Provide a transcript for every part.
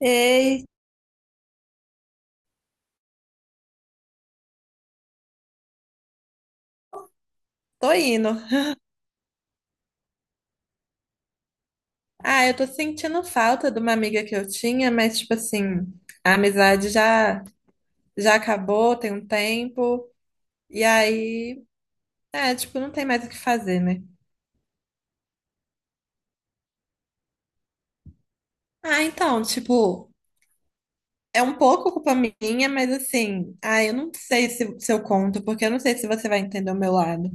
Ei, tô indo. Ah, eu tô sentindo falta de uma amiga que eu tinha, mas tipo assim, a amizade já já acabou, tem um tempo, e aí, é, tipo, não tem mais o que fazer, né? Ah, então, tipo, é um pouco culpa minha, mas assim, ah, eu não sei se eu conto, porque eu não sei se você vai entender o meu lado.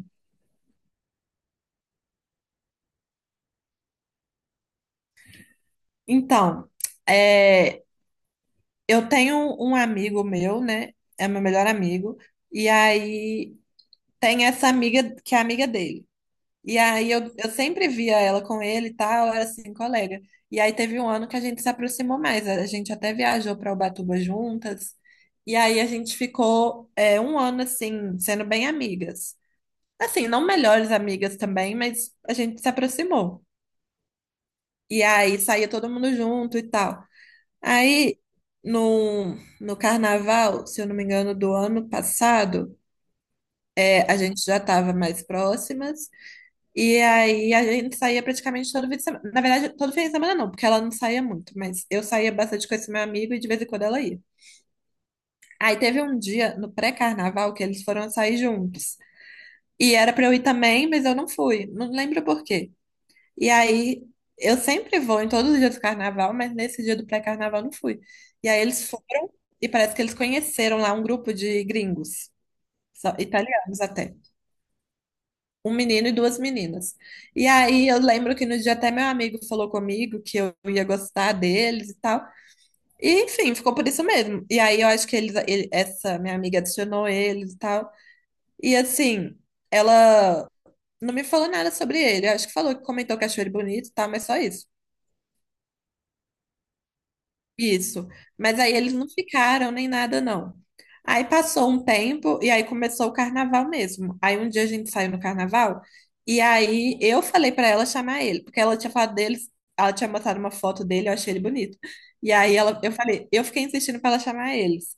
Então, é, eu tenho um amigo meu, né? É meu melhor amigo, e aí tem essa amiga que é amiga dele. E aí eu sempre via ela com ele e tal, era assim, colega. E aí teve um ano que a gente se aproximou mais, a gente até viajou para Ubatuba juntas. E aí a gente ficou um ano assim, sendo bem amigas. Assim, não melhores amigas também, mas a gente se aproximou. E aí saía todo mundo junto e tal. Aí no, no carnaval, se eu não me engano, do ano passado, a gente já estava mais próximas. E aí a gente saía praticamente todo fim de semana. Na verdade, todo fim de semana não, porque ela não saía muito, mas eu saía bastante com esse meu amigo e de vez em quando ela ia. Aí teve um dia no pré-carnaval que eles foram sair juntos. E era pra eu ir também, mas eu não fui. Não lembro por quê. E aí eu sempre vou em todos os dias do carnaval, mas nesse dia do pré-carnaval eu não fui. E aí eles foram e parece que eles conheceram lá um grupo de gringos, italianos até. Um menino e duas meninas. E aí eu lembro que no dia até meu amigo falou comigo que eu ia gostar deles e tal. E enfim, ficou por isso mesmo. E aí eu acho que eles, essa minha amiga adicionou eles e tal. E assim, ela não me falou nada sobre ele. Eu acho que falou que comentou que achou ele bonito e tal, mas só isso. Isso. Mas aí eles não ficaram nem nada, não. Aí passou um tempo e aí começou o carnaval mesmo. Aí um dia a gente saiu no carnaval e aí eu falei pra ela chamar ele, porque ela tinha falado dele, ela tinha mostrado uma foto dele, eu achei ele bonito. E aí ela, eu falei, eu fiquei insistindo pra ela chamar eles.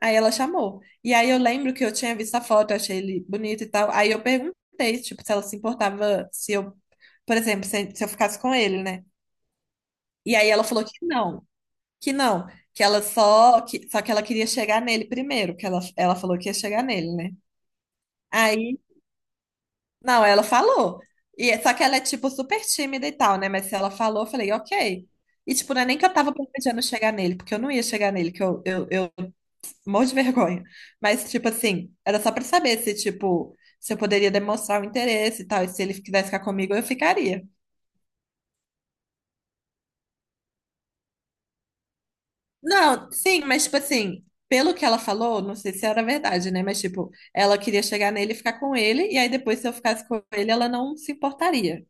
Aí ela chamou. E aí eu lembro que eu tinha visto a foto, eu achei ele bonito e tal. Aí eu perguntei, tipo, se ela se importava se eu, por exemplo, se eu ficasse com ele, né? E aí ela falou que não. Que não, que ela só que ela queria chegar nele primeiro, que ela falou que ia chegar nele, né? Aí, não, ela falou. E só que ela é tipo super tímida e tal, né? Mas se ela falou, eu falei, OK. E tipo, não é nem que eu tava planejando chegar nele, porque eu não ia chegar nele, que eu morro de vergonha. Mas tipo assim, era só pra saber se tipo, se eu poderia demonstrar o interesse e tal, e se ele quisesse ficar comigo, eu ficaria. Não, sim, mas tipo assim, pelo que ela falou, não sei se era verdade, né? Mas tipo, ela queria chegar nele e ficar com ele, e aí depois se eu ficasse com ele, ela não se importaria.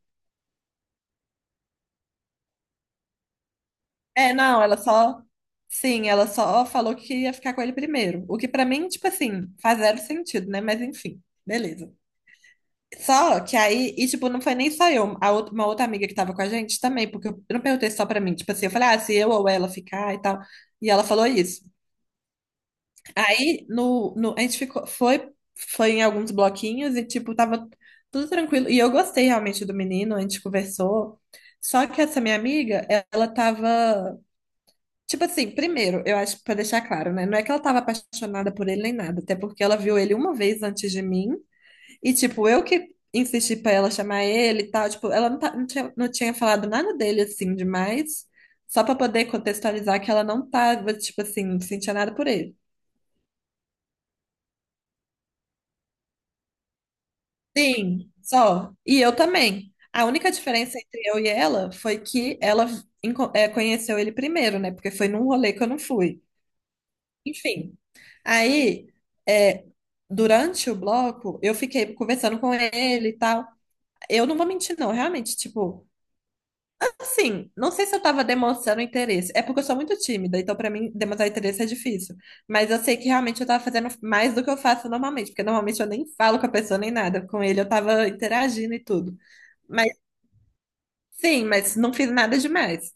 É, não, ela só. Sim, ela só falou que ia ficar com ele primeiro. O que pra mim, tipo assim, faz zero sentido, né? Mas enfim, beleza. Só que aí, e tipo, não foi nem só eu, a outra, uma outra amiga que tava com a gente também, porque eu não perguntei só pra mim, tipo assim, eu falei, ah, se eu ou ela ficar e tal. E ela falou isso. Aí no, a gente ficou, foi, foi em alguns bloquinhos e tipo, tava tudo tranquilo. E eu gostei realmente do menino, a gente conversou. Só que essa minha amiga, ela tava, tipo assim, primeiro, eu acho pra deixar claro, né? Não é que ela tava apaixonada por ele nem nada, até porque ela viu ele uma vez antes de mim e tipo, eu que insisti pra ela chamar ele e tal, tipo, ela não, não tinha falado nada dele assim demais. Só pra poder contextualizar que ela não tava, tipo assim, não sentia nada por ele. Sim, só. E eu também. A única diferença entre eu e ela foi que ela conheceu ele primeiro, né? Porque foi num rolê que eu não fui. Enfim. Aí, eh, durante o bloco, eu fiquei conversando com ele e tal. Eu não vou mentir, não. Realmente, tipo, assim, não sei se eu tava demonstrando interesse. É porque eu sou muito tímida, então pra mim demonstrar interesse é difícil. Mas eu sei que realmente eu tava fazendo mais do que eu faço normalmente, porque normalmente eu nem falo com a pessoa nem nada. Com ele eu tava interagindo e tudo. Mas sim, mas não fiz nada demais.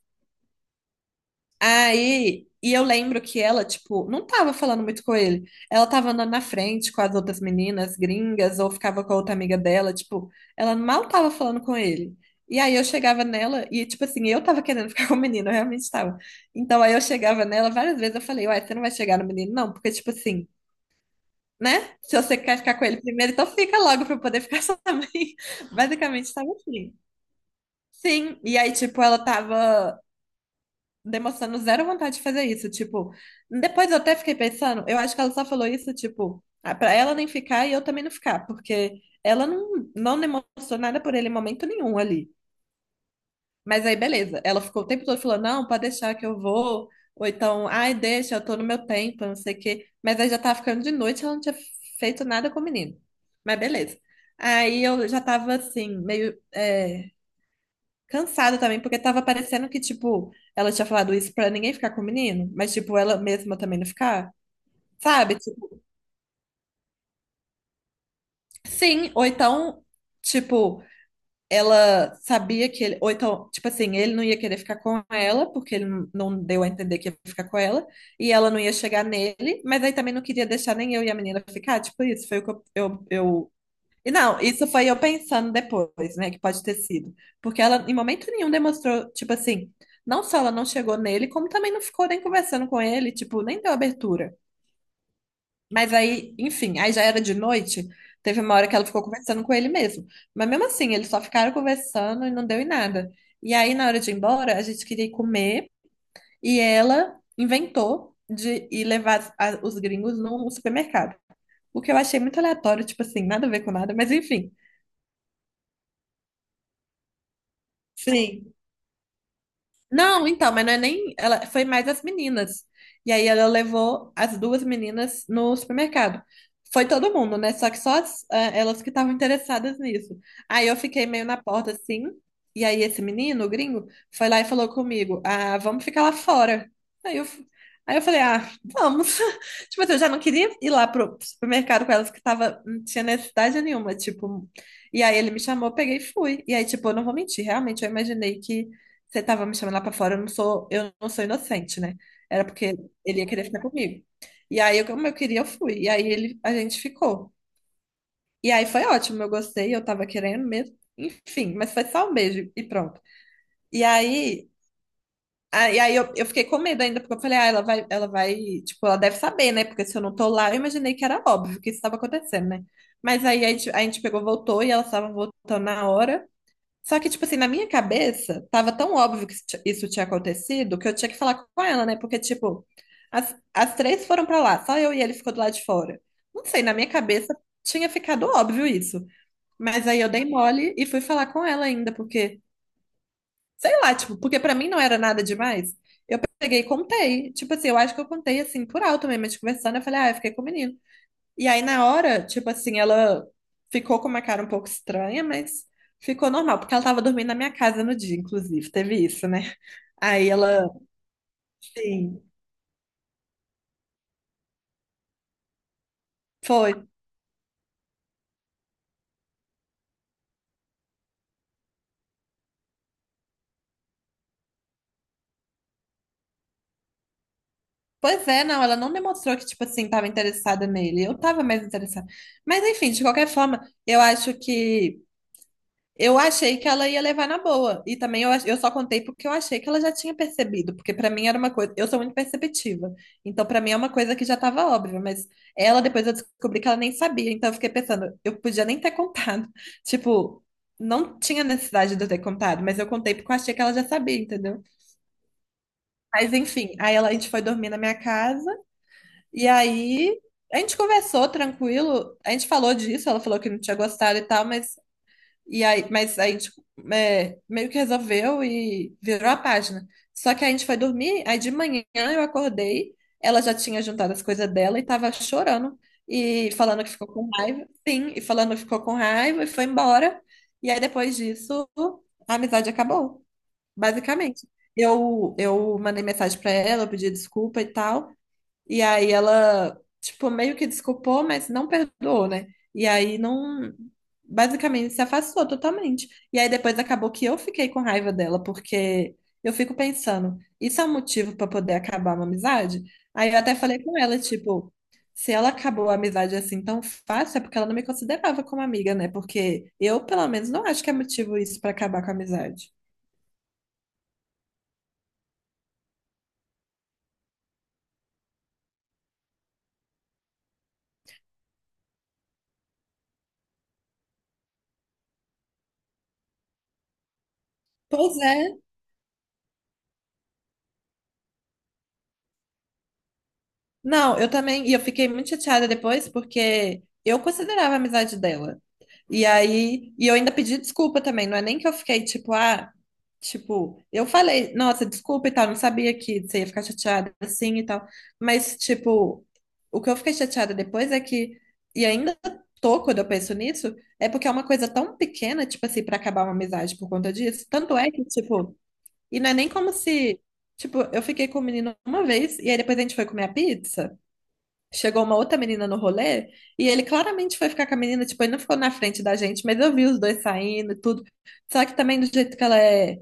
Aí, e eu lembro que ela, tipo, não tava falando muito com ele. Ela tava andando na frente com as outras meninas gringas, ou ficava com a outra amiga dela, tipo, ela mal tava falando com ele. E aí eu chegava nela e, tipo assim, eu tava querendo ficar com o menino, eu realmente tava. Então aí eu chegava nela várias vezes, eu falei, uai, você não vai chegar no menino, não, porque, tipo assim, né? Se você quer ficar com ele primeiro, então fica logo pra eu poder ficar só também. Basicamente tava assim. Sim, e aí, tipo, ela tava demonstrando zero vontade de fazer isso. Tipo, depois eu até fiquei pensando, eu acho que ela só falou isso, tipo, ah, pra ela nem ficar e eu também não ficar, porque ela não, não demonstrou nada por ele em momento nenhum ali. Mas aí, beleza, ela ficou o tempo todo falando, não, pode deixar que eu vou, ou então, ai, deixa, eu tô no meu tempo, não sei o quê. Mas aí já tava ficando de noite, ela não tinha feito nada com o menino. Mas beleza. Aí eu já tava assim, meio, é, cansada também, porque tava parecendo que, tipo, ela tinha falado isso pra ninguém ficar com o menino, mas, tipo, ela mesma também não ficar, sabe? Tipo, sim, ou então, tipo, ela sabia que ele, ou então, tipo assim, ele não ia querer ficar com ela, porque ele não deu a entender que ia ficar com ela, e ela não ia chegar nele, mas aí também não queria deixar nem eu e a menina ficar, tipo, isso foi o que eu. E não, isso foi eu pensando depois, né, que pode ter sido. Porque ela, em momento nenhum, demonstrou, tipo assim, não só ela não chegou nele, como também não ficou nem conversando com ele, tipo, nem deu abertura. Mas aí, enfim, aí já era de noite, teve uma hora que ela ficou conversando com ele mesmo. Mas mesmo assim, eles só ficaram conversando e não deu em nada. E aí, na hora de ir embora, a gente queria ir comer e ela inventou de ir levar os gringos num supermercado. O que eu achei muito aleatório, tipo assim, nada a ver com nada, mas enfim. Sim. Não, então, mas não é nem. Ela foi mais as meninas. E aí ela levou as duas meninas no supermercado. Foi todo mundo, né? Só que só as, ah, elas que estavam interessadas nisso. Aí eu fiquei meio na porta assim. E aí esse menino, o gringo, foi lá e falou comigo: Ah, vamos ficar lá fora. Aí eu, f- aí eu falei: Ah, vamos. Tipo assim, eu já não queria ir lá pro supermercado com elas que tava, não tinha necessidade nenhuma. Tipo, e aí ele me chamou, eu peguei e fui. E aí, tipo, eu não vou mentir, realmente eu imaginei que você tava me chamando lá pra fora, eu não sou inocente, né? Era porque ele ia querer ficar comigo. E aí, eu, como eu queria, eu fui. E aí, ele, a gente ficou. E aí, foi ótimo, eu gostei, eu tava querendo mesmo. Enfim, mas foi só um beijo e pronto. E aí, eu fiquei com medo ainda, porque eu falei, ah, ela vai, tipo, ela deve saber, né? Porque se eu não tô lá, eu imaginei que era óbvio que isso estava acontecendo, né? Mas aí, a gente pegou, voltou, e elas estavam voltando na hora. Só que, tipo assim, na minha cabeça, tava tão óbvio que isso tinha acontecido que eu tinha que falar com ela, né? Porque, tipo, as três foram pra lá, só eu e ele ficou do lado de fora. Não sei, na minha cabeça tinha ficado óbvio isso. Mas aí eu dei mole e fui falar com ela ainda, porque, sei lá, tipo, porque pra mim não era nada demais. Eu peguei e contei. Tipo assim, eu acho que eu contei assim por alto mesmo, a gente conversando, eu falei, ah, eu fiquei com o menino. E aí, na hora, tipo assim, ela ficou com uma cara um pouco estranha, mas ficou normal, porque ela tava dormindo na minha casa no dia, inclusive, teve isso, né? Aí ela, sim, foi. Pois é, não, ela não demonstrou que, tipo assim, tava interessada nele. Eu tava mais interessada. Mas, enfim, de qualquer forma, eu acho que. Eu achei que ela ia levar na boa. E também eu, eu só contei porque eu achei que ela já tinha percebido. Porque pra mim era uma coisa. Eu sou muito perceptiva. Então pra mim é uma coisa que já tava óbvia. Mas ela, depois eu descobri que ela nem sabia. Então eu fiquei pensando, eu podia nem ter contado. Tipo, não tinha necessidade de eu ter contado. Mas eu contei porque eu achei que ela já sabia, entendeu? Mas enfim, aí ela, a gente foi dormir na minha casa. E aí. A gente conversou tranquilo, a gente falou disso, ela falou que não tinha gostado e tal, mas e aí, mas aí, tipo, é, meio que resolveu e virou a página. Só que a gente foi dormir, aí de manhã eu acordei, ela já tinha juntado as coisas dela e tava chorando e falando que ficou com raiva. Sim, e falando que ficou com raiva e foi embora. E aí depois disso, a amizade acabou, basicamente. Eu mandei mensagem pra ela, eu pedi desculpa e tal. E aí ela, tipo, meio que desculpou, mas não perdoou, né? E aí não. Basicamente se afastou totalmente. E aí depois acabou que eu fiquei com raiva dela, porque eu fico pensando, isso é um motivo pra poder acabar uma amizade? Aí eu até falei com ela, tipo, se ela acabou a amizade assim tão fácil, é porque ela não me considerava como amiga, né? Porque eu, pelo menos, não acho que é motivo isso pra acabar com a amizade. Pois é. Não, eu também. E eu fiquei muito chateada depois, porque eu considerava a amizade dela. E aí, e eu ainda pedi desculpa também, não é nem que eu fiquei tipo, ah, tipo, eu falei, nossa, desculpa e tal, não sabia que você ia ficar chateada assim e tal, mas tipo, o que eu fiquei chateada depois é que, e ainda tô quando eu penso nisso, é porque é uma coisa tão pequena, tipo assim, pra acabar uma amizade por conta disso, tanto é que, tipo, e não é nem como se, tipo, eu fiquei com o menino uma vez e aí depois a gente foi comer a pizza. Chegou uma outra menina no rolê e ele claramente foi ficar com a menina, tipo, ele não ficou na frente da gente, mas eu vi os dois saindo e tudo. Só que também do jeito que ela é,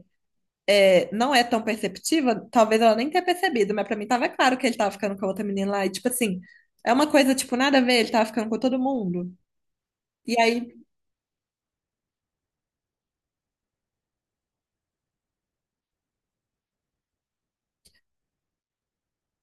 é, não é tão perceptiva, talvez ela nem tenha percebido, mas pra mim tava claro que ele tava ficando com a outra menina lá. E tipo assim, é uma coisa, tipo, nada a ver, ele tava ficando com todo mundo. E aí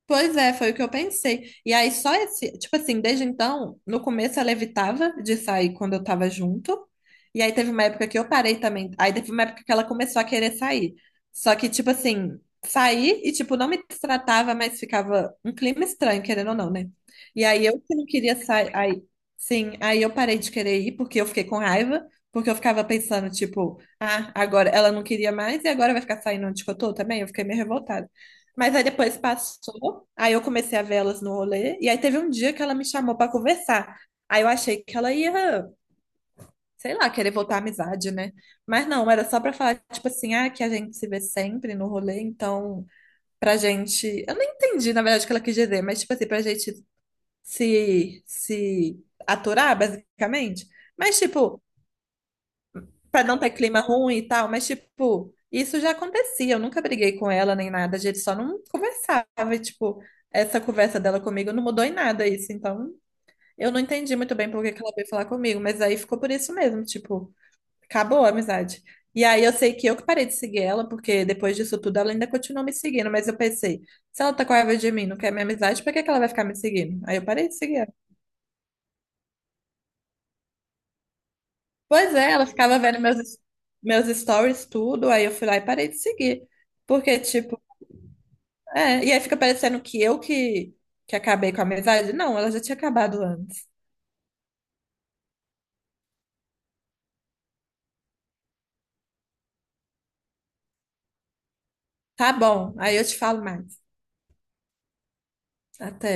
Pois é, foi o que eu pensei. E aí, só esse, tipo assim, desde então, no começo ela evitava de sair quando eu tava junto. E aí teve uma época que eu parei também. Aí teve uma época que ela começou a querer sair. Só que, tipo assim, saí e, tipo, não me tratava, mas ficava um clima estranho, querendo ou não, né? E aí eu que não queria sair. Aí, sim, aí eu parei de querer ir porque eu fiquei com raiva. Porque eu ficava pensando, tipo, ah, agora ela não queria mais e agora vai ficar saindo onde que eu tô também. Eu fiquei meio revoltada. Mas aí depois passou, aí eu comecei a ver elas no rolê, e aí teve um dia que ela me chamou pra conversar. Aí eu achei que ela ia, sei lá, querer voltar à amizade, né? Mas não, era só pra falar, tipo assim, ah, que a gente se vê sempre no rolê, então pra gente. Eu não entendi, na verdade, o que ela quis dizer, mas tipo assim, pra gente se aturar, basicamente. Mas, tipo, pra não ter clima ruim e tal, mas tipo, isso já acontecia. Eu nunca briguei com ela nem nada, a gente só não conversava. E, tipo, essa conversa dela comigo não mudou em nada isso. Então, eu não entendi muito bem por que que ela veio falar comigo, mas aí ficou por isso mesmo, tipo, acabou a amizade. E aí eu sei que eu que parei de seguir ela, porque depois disso tudo ela ainda continuou me seguindo, mas eu pensei, se ela tá com raiva de mim, não quer minha amizade, por que que ela vai ficar me seguindo? Aí eu parei de seguir Pois é, ela ficava vendo meus, meus stories, tudo, aí eu fui lá e parei de seguir. Porque, tipo, é, e aí fica parecendo que eu que acabei com a amizade. Não, ela já tinha acabado antes. Tá bom, aí eu te falo mais. Até.